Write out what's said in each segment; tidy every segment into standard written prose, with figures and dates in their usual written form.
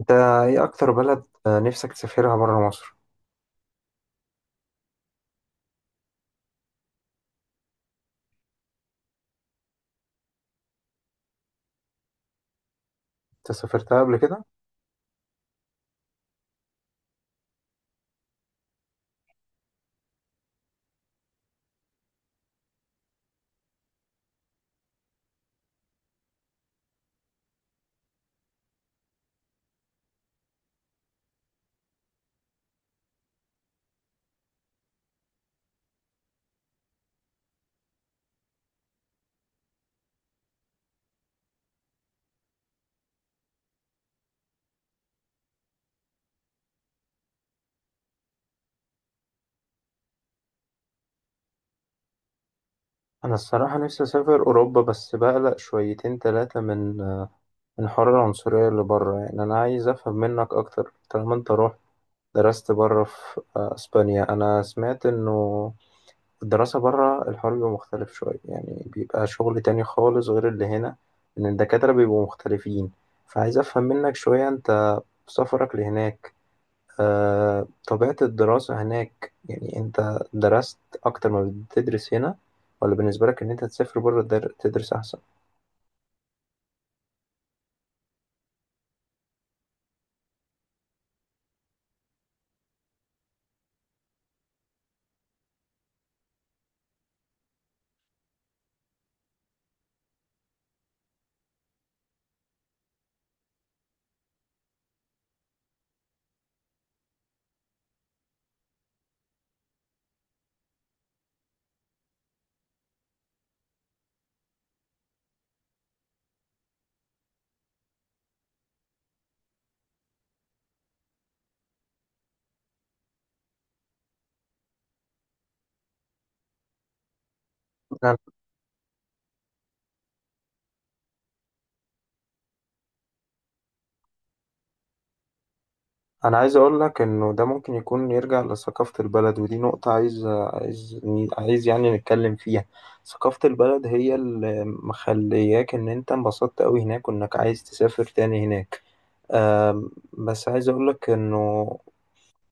انت ايه اكتر بلد نفسك تسافرها بره مصر؟ انت سافرتها قبل كده؟ انا الصراحه نفسي اسافر اوروبا، بس بقلق شويتين ثلاثه من حوار العنصريه اللي بره. يعني انا عايز افهم منك اكتر، طالما انت رحت درست بره في اسبانيا. انا سمعت انه الدراسه بره الحوار بيبقى مختلف شويه، يعني بيبقى شغل تاني خالص غير اللي هنا، ان الدكاتره بيبقوا مختلفين. فعايز افهم منك شويه انت في سفرك لهناك طبيعة الدراسة هناك. يعني أنت درست أكتر ما بتدرس هنا، ولا بالنسبة لك إن أنت تسافر بره تدرس أحسن؟ أنا أنا عايز أقول لك إنه ده ممكن يكون يرجع لثقافة البلد، ودي نقطة عايز يعني نتكلم فيها. ثقافة البلد هي اللي مخلياك إن أنت انبسطت أوي هناك، وإنك عايز تسافر تاني هناك. بس عايز أقول لك إنه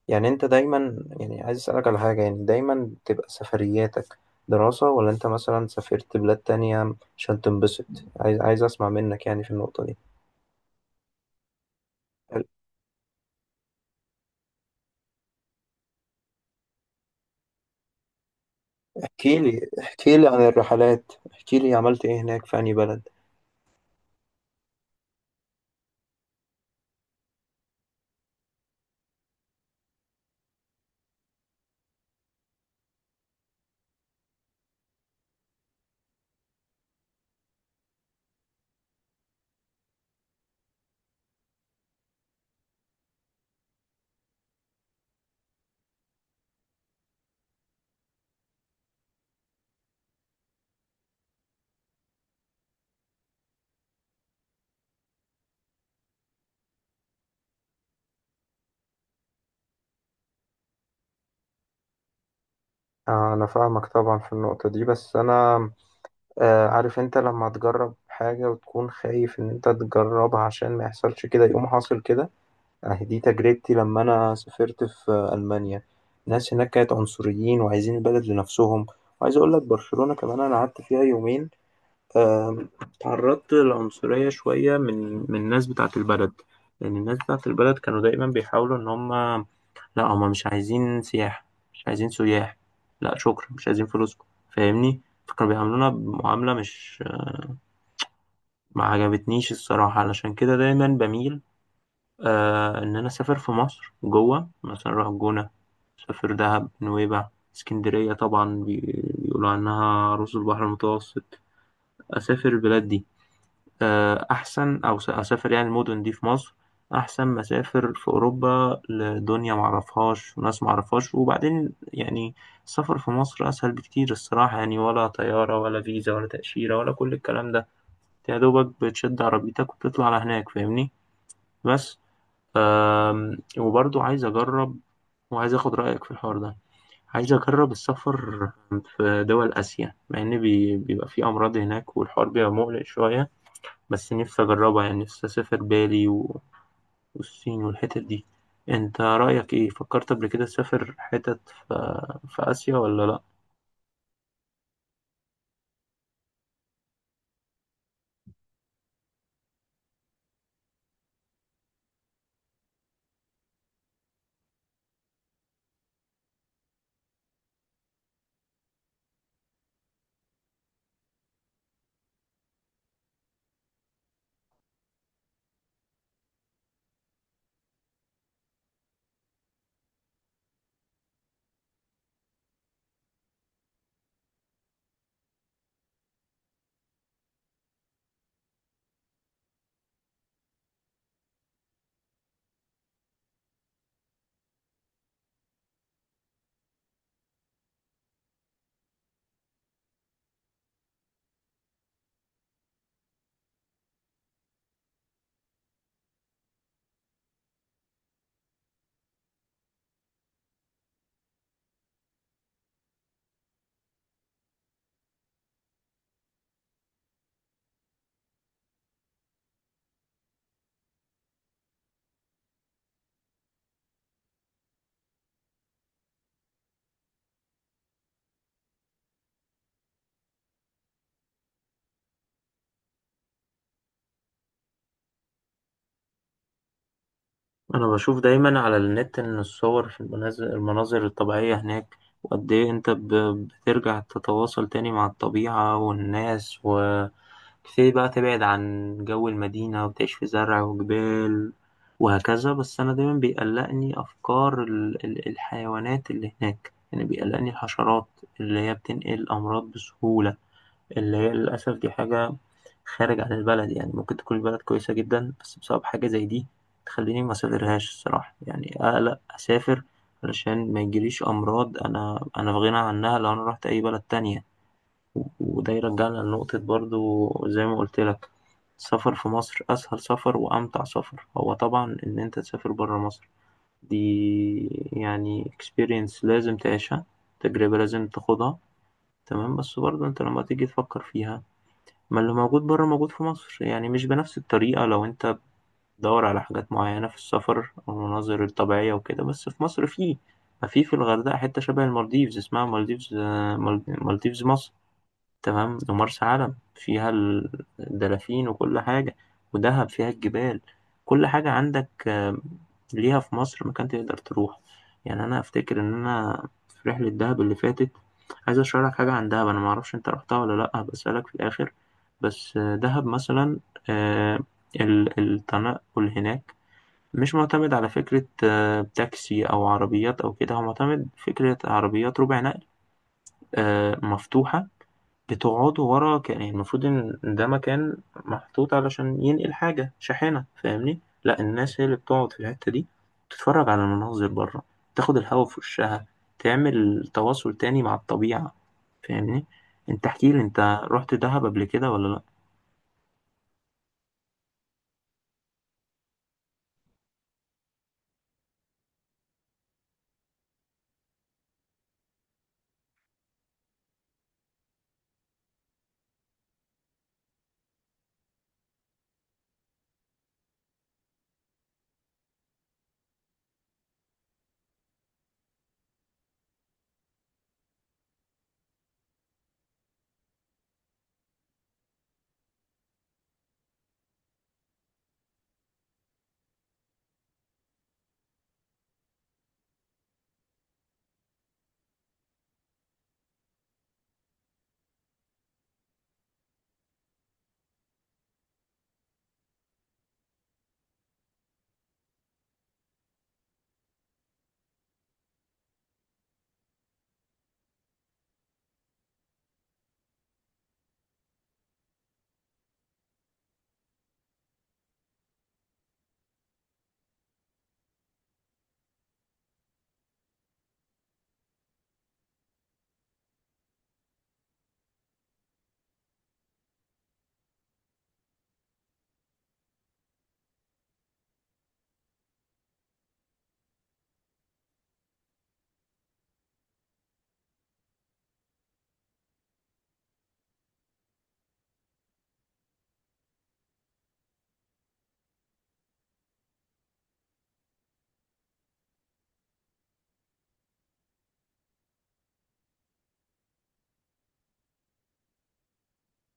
يعني انت دايما، يعني عايز اسألك على حاجة، يعني دايما بتبقى سفرياتك دراسة، ولا انت مثلا سافرت بلاد تانية عشان تنبسط؟ عايز اسمع منك يعني في النقطة دي. احكي لي، احكي لي عن الرحلات، احكي لي عملت ايه هناك في أي بلد. انا فاهمك طبعا في النقطة دي، بس انا عارف انت لما تجرب حاجة وتكون خايف ان انت تجربها عشان ما يحصلش كده، يقوم حاصل كده. أهي دي تجربتي لما أنا سافرت في ألمانيا، الناس هناك كانت عنصريين وعايزين البلد لنفسهم. وعايز أقول لك برشلونة كمان أنا قعدت فيها يومين، آم، تعرضت للعنصرية شوية من الناس بتاعة البلد. لأن الناس بتاعة البلد كانوا دايما بيحاولوا إن هم، لا هم مش عايزين سياح، مش عايزين سياح، لا شكرا مش عايزين فلوسكم. فاهمني؟ فكانوا بيعاملونا بمعاملة مش، ما عجبتنيش الصراحة. علشان كده دايما بميل آه إن أنا أسافر في مصر جوه، مثلا أروح الجونة، أسافر دهب، نويبع، اسكندرية طبعا بيقولوا عنها رز البحر المتوسط. أسافر البلاد دي آه أحسن، أو أسافر يعني المدن دي في مصر أحسن ما أسافر في أوروبا، لدنيا معرفهاش وناس معرفهاش. وبعدين يعني السفر في مصر أسهل بكتير الصراحة، يعني ولا طيارة ولا فيزا ولا تأشيرة ولا كل الكلام ده، يا دوبك بتشد عربيتك وتطلع على هناك. فاهمني؟ بس وبرضو عايز أجرب، وعايز أخد رأيك في الحوار ده. عايز أجرب السفر في دول آسيا، مع إن بيبقى في أمراض هناك والحوار بيبقى مقلق شوية، بس نفسي أجربها. يعني نفسي أسافر بالي و والصين والحتت دي. أنت رأيك إيه؟ فكرت قبل كده تسافر حتت في في آسيا ولا لأ؟ أنا بشوف دايما على النت إن الصور في المناظر الطبيعية هناك، وقد إيه أنت بترجع تتواصل تاني مع الطبيعة والناس و تبتدي بقى تبعد عن جو المدينة وتعيش في زرع وجبال وهكذا. بس أنا دايما بيقلقني أفكار الحيوانات اللي هناك، يعني بيقلقني الحشرات اللي هي بتنقل أمراض بسهولة، اللي هي للأسف دي حاجة خارج عن البلد. يعني ممكن تكون البلد كويسة جدا، بس بسبب حاجة زي دي تخليني ما أسافرهاش الصراحة. يعني أقلق أسافر علشان ما يجيليش أمراض أنا في غنى عنها لو أنا رحت أي بلد تانية. وده يرجعنا لنقطة، برضو زي ما قلت لك، السفر في مصر أسهل سفر وأمتع سفر. هو طبعا إن أنت تسافر برا مصر دي، يعني experience لازم تعيشها، تجربة لازم تاخدها، تمام. بس برضو أنت لما تيجي تفكر فيها، ما اللي موجود برا موجود في مصر. يعني مش بنفس الطريقة لو أنت بتدور على حاجات معينة في السفر أو المناظر الطبيعية وكده، بس في مصر فيه، ما في في الغردقة حتة شبه المالديفز، اسمها مالديفز، مالديفز مصر، تمام. ومرسى علم فيها الدلافين وكل حاجة، ودهب فيها الجبال، كل حاجة عندك ليها في مصر مكان تقدر تروح. يعني أنا أفتكر إن أنا في رحلة دهب اللي فاتت، عايز أشرح لك حاجة عن دهب. أنا معرفش أنت رحتها ولا لأ، بسألك في الآخر. بس دهب مثلا، آه، التنقل هناك مش معتمد على فكرة تاكسي أو عربيات أو كده، هو معتمد فكرة عربيات ربع نقل، مفتوحة، بتقعدوا ورا يعني المفروض إن ده مكان محطوط علشان ينقل حاجة، شاحنة. فاهمني؟ لأ، الناس هي اللي بتقعد في الحتة دي، تتفرج على المناظر بره، تاخد الهوا في وشها، تعمل تواصل تاني مع الطبيعة. فاهمني؟ أنت احكيلي، أنت رحت دهب قبل كده ولا لأ؟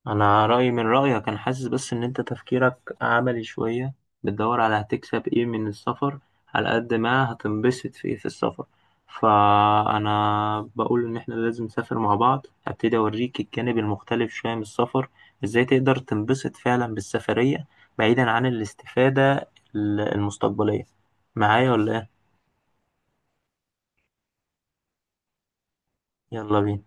انا رايي من رايك، انا حاسس بس ان انت تفكيرك عملي شويه، بتدور على هتكسب ايه من السفر على قد ما هتنبسط في ايه في السفر. فانا بقول ان احنا لازم نسافر مع بعض، هبتدي اوريك الجانب المختلف شويه من السفر، ازاي تقدر تنبسط فعلا بالسفريه بعيدا عن الاستفاده المستقبليه. معايا ولا ايه؟ يلا بينا.